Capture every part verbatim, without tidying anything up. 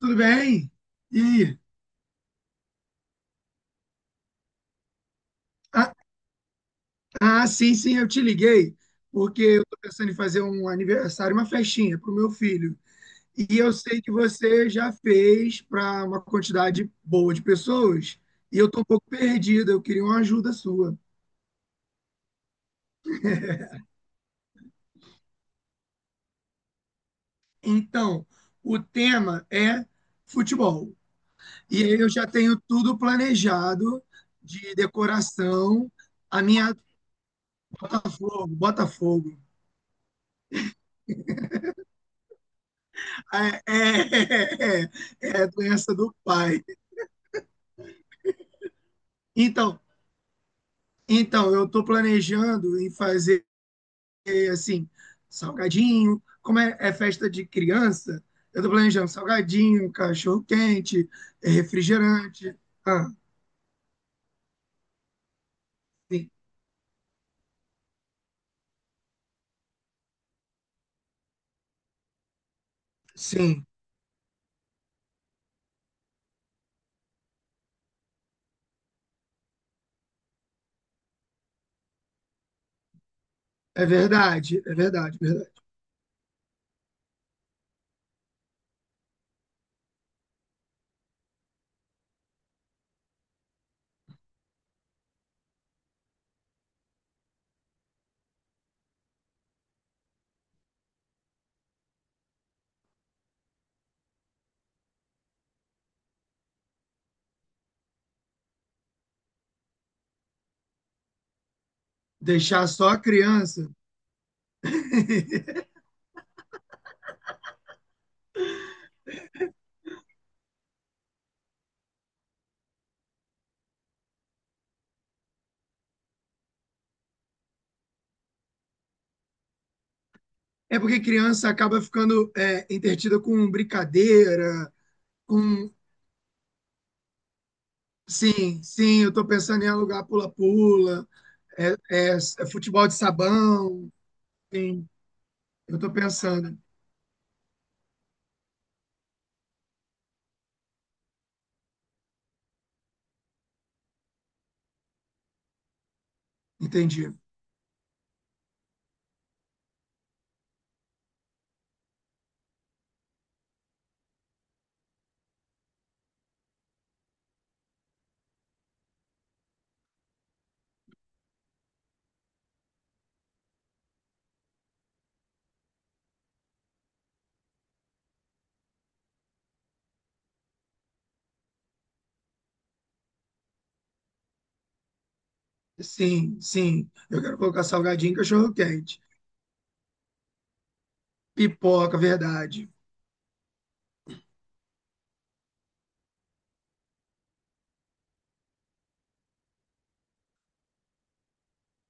Tudo bem? E aí? Ah, ah, sim, sim, eu te liguei, porque eu tô pensando em fazer um aniversário, uma festinha para o meu filho. E eu sei que você já fez para uma quantidade boa de pessoas, e eu tô um pouco perdida, eu queria uma ajuda sua. Então, o tema é futebol. E aí eu já tenho tudo planejado de decoração, a minha Botafogo, Botafogo. É, é, é, é doença do pai. Então, então eu estou planejando em fazer assim, salgadinho, como é, é festa de criança, eu estou planejando salgadinho, cachorro quente, é refrigerante. Ah, sim, sim, é verdade, é verdade, é verdade. Deixar só a criança. É porque criança acaba ficando é, entretida com brincadeira, com. Sim, sim, eu estou pensando em alugar pula-pula, é, é- é futebol de sabão, sim. Eu estou pensando, entendi. Sim, sim. Eu quero colocar salgadinho e cachorro quente. Pipoca, verdade.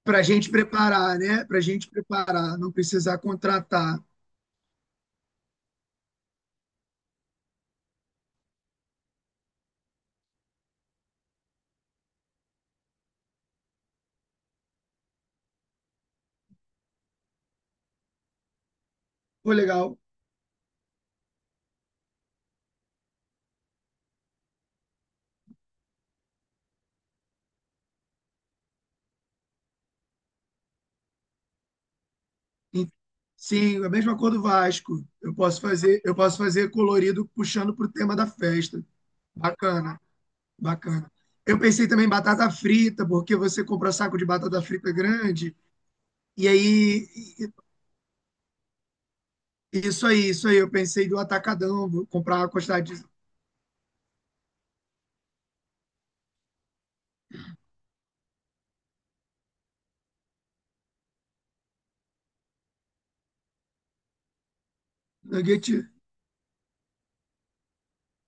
Para a gente preparar, né? Para a gente preparar, não precisar contratar. Pô, legal. E- Sim, é a mesma cor do Vasco. Eu posso fazer, eu posso fazer colorido puxando pro tema da festa. Bacana, bacana. Eu pensei também em batata frita, porque você compra saco de batata frita grande. E aí, isso aí, isso aí. Eu pensei do atacadão, vou comprar uma quantidade de nuggets.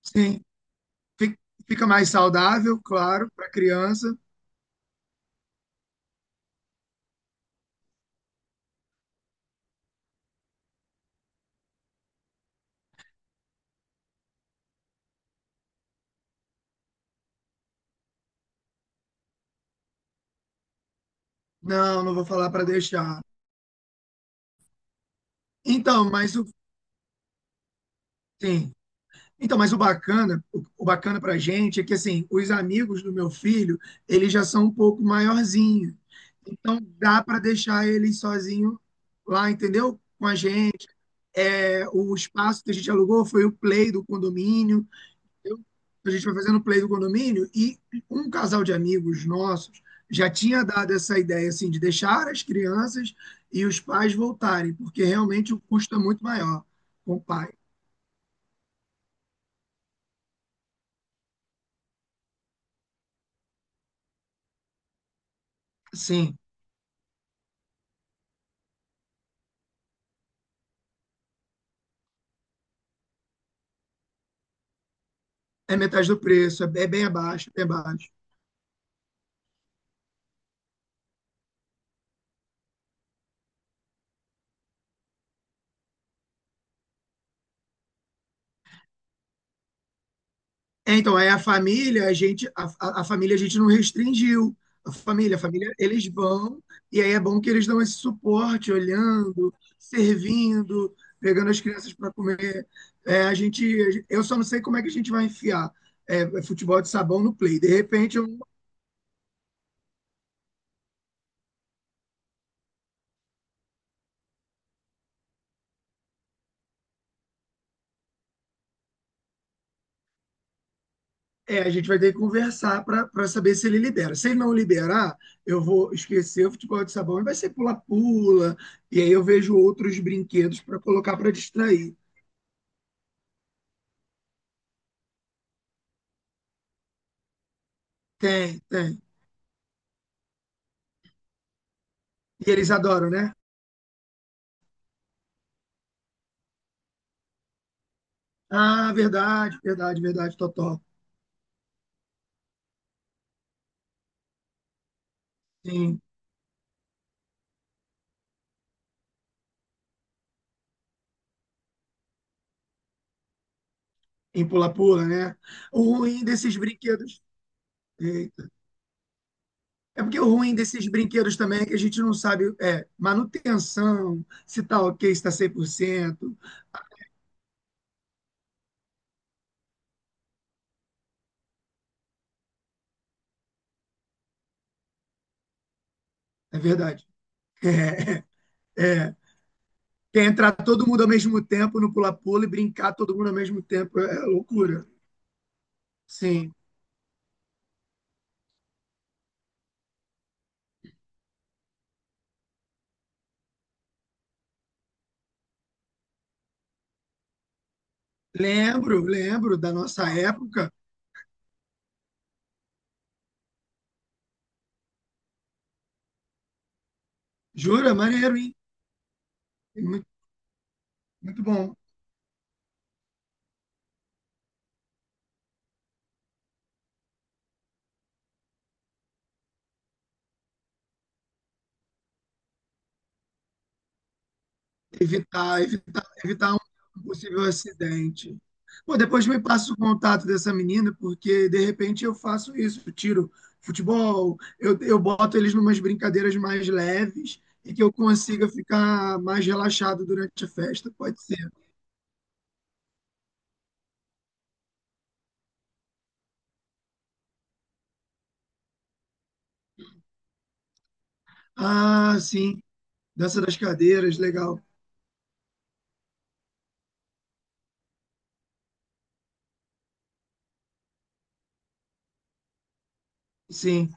Sim, fi- fica mais saudável, claro, para criança. Não, não vou falar para deixar. Então, mas o sim. Então, mas o bacana, o, o bacana para gente é que assim, os amigos do meu filho, eles já são um pouco maiorzinhos. Então, dá para deixar ele sozinho lá, entendeu? Com a gente. É, o espaço que a gente alugou foi o play do condomínio. eu- a gente foi fazendo play do condomínio e um casal de amigos nossos já tinha dado essa ideia assim de deixar as crianças e os pais voltarem, porque realmente o custo é muito maior com o pai. Sim, é metade do preço, é bem é bem abaixo, bem abaixo. É, então, aí a família, a gente, a, a- a família a gente não restringiu. A família, a família, eles vão, e aí é bom que eles dão esse suporte, olhando, servindo, pegando as crianças para comer. É, a gente, eu só não sei como é que a gente vai enfiar é, futebol de sabão no play. De repente, eu- é, a gente vai ter que conversar para saber se ele libera. Se ele não liberar, eu vou esquecer o futebol de sabão e vai ser pula-pula, e aí eu vejo outros brinquedos para colocar para distrair. Tem, tem. E eles adoram, né? Ah, verdade, verdade, verdade, Totó. Sim, em pula-pula, né? O ruim desses brinquedos. Eita. É porque o ruim desses brinquedos também é que a gente não sabe é, manutenção, se tá ok, se tá cem por cento. É verdade. É, é. Quer entrar todo mundo ao mesmo tempo no pula-pula e brincar todo mundo ao mesmo tempo é é loucura. Sim. Lembro, lembro da nossa época. Jura? Maneiro, hein? Muito, muito bom. Evitar, evitar, evitar um possível acidente. Pô, depois me passa o contato dessa menina, porque de repente eu faço isso, eu tiro futebol, eu, eu boto eles numas brincadeiras mais leves e que eu consiga ficar mais relaxado durante a festa, pode ser. Ah, sim, dança das cadeiras, legal. Sim.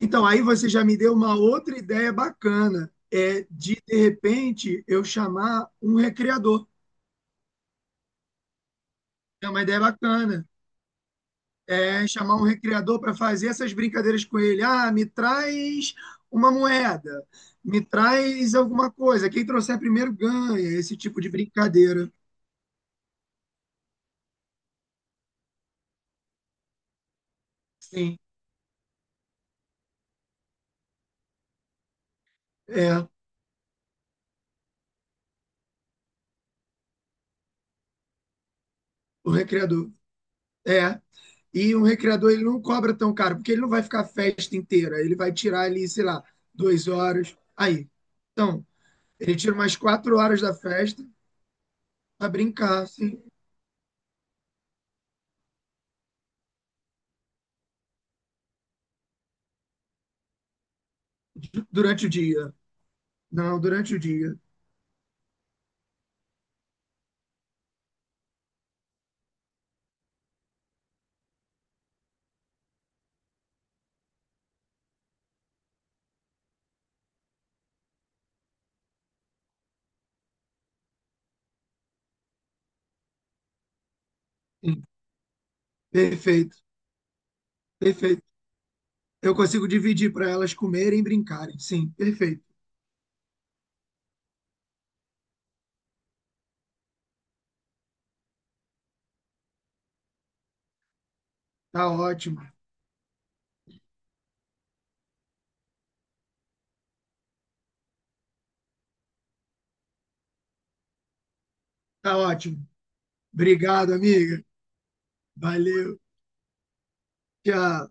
Então, aí você já me deu uma outra ideia bacana, é de de repente eu chamar um recreador. É uma ideia bacana. É, chamar um recreador para fazer essas brincadeiras com ele. Ah, me traz uma moeda, me traz alguma coisa. Quem trouxer primeiro ganha, esse tipo de brincadeira. Sim, é, o recreador. É. E um recreador ele não cobra tão caro, porque ele não vai ficar a festa inteira. Ele vai tirar ali, sei lá, duas horas. Aí. Então, ele tira umas quatro horas da festa para brincar, assim, durante o dia. Não, durante o dia. Sim. Perfeito, perfeito. Eu consigo dividir para elas comerem e brincarem. Sim, perfeito. Tá ótimo. Tá ótimo. Obrigado, amiga. Valeu. Tchau.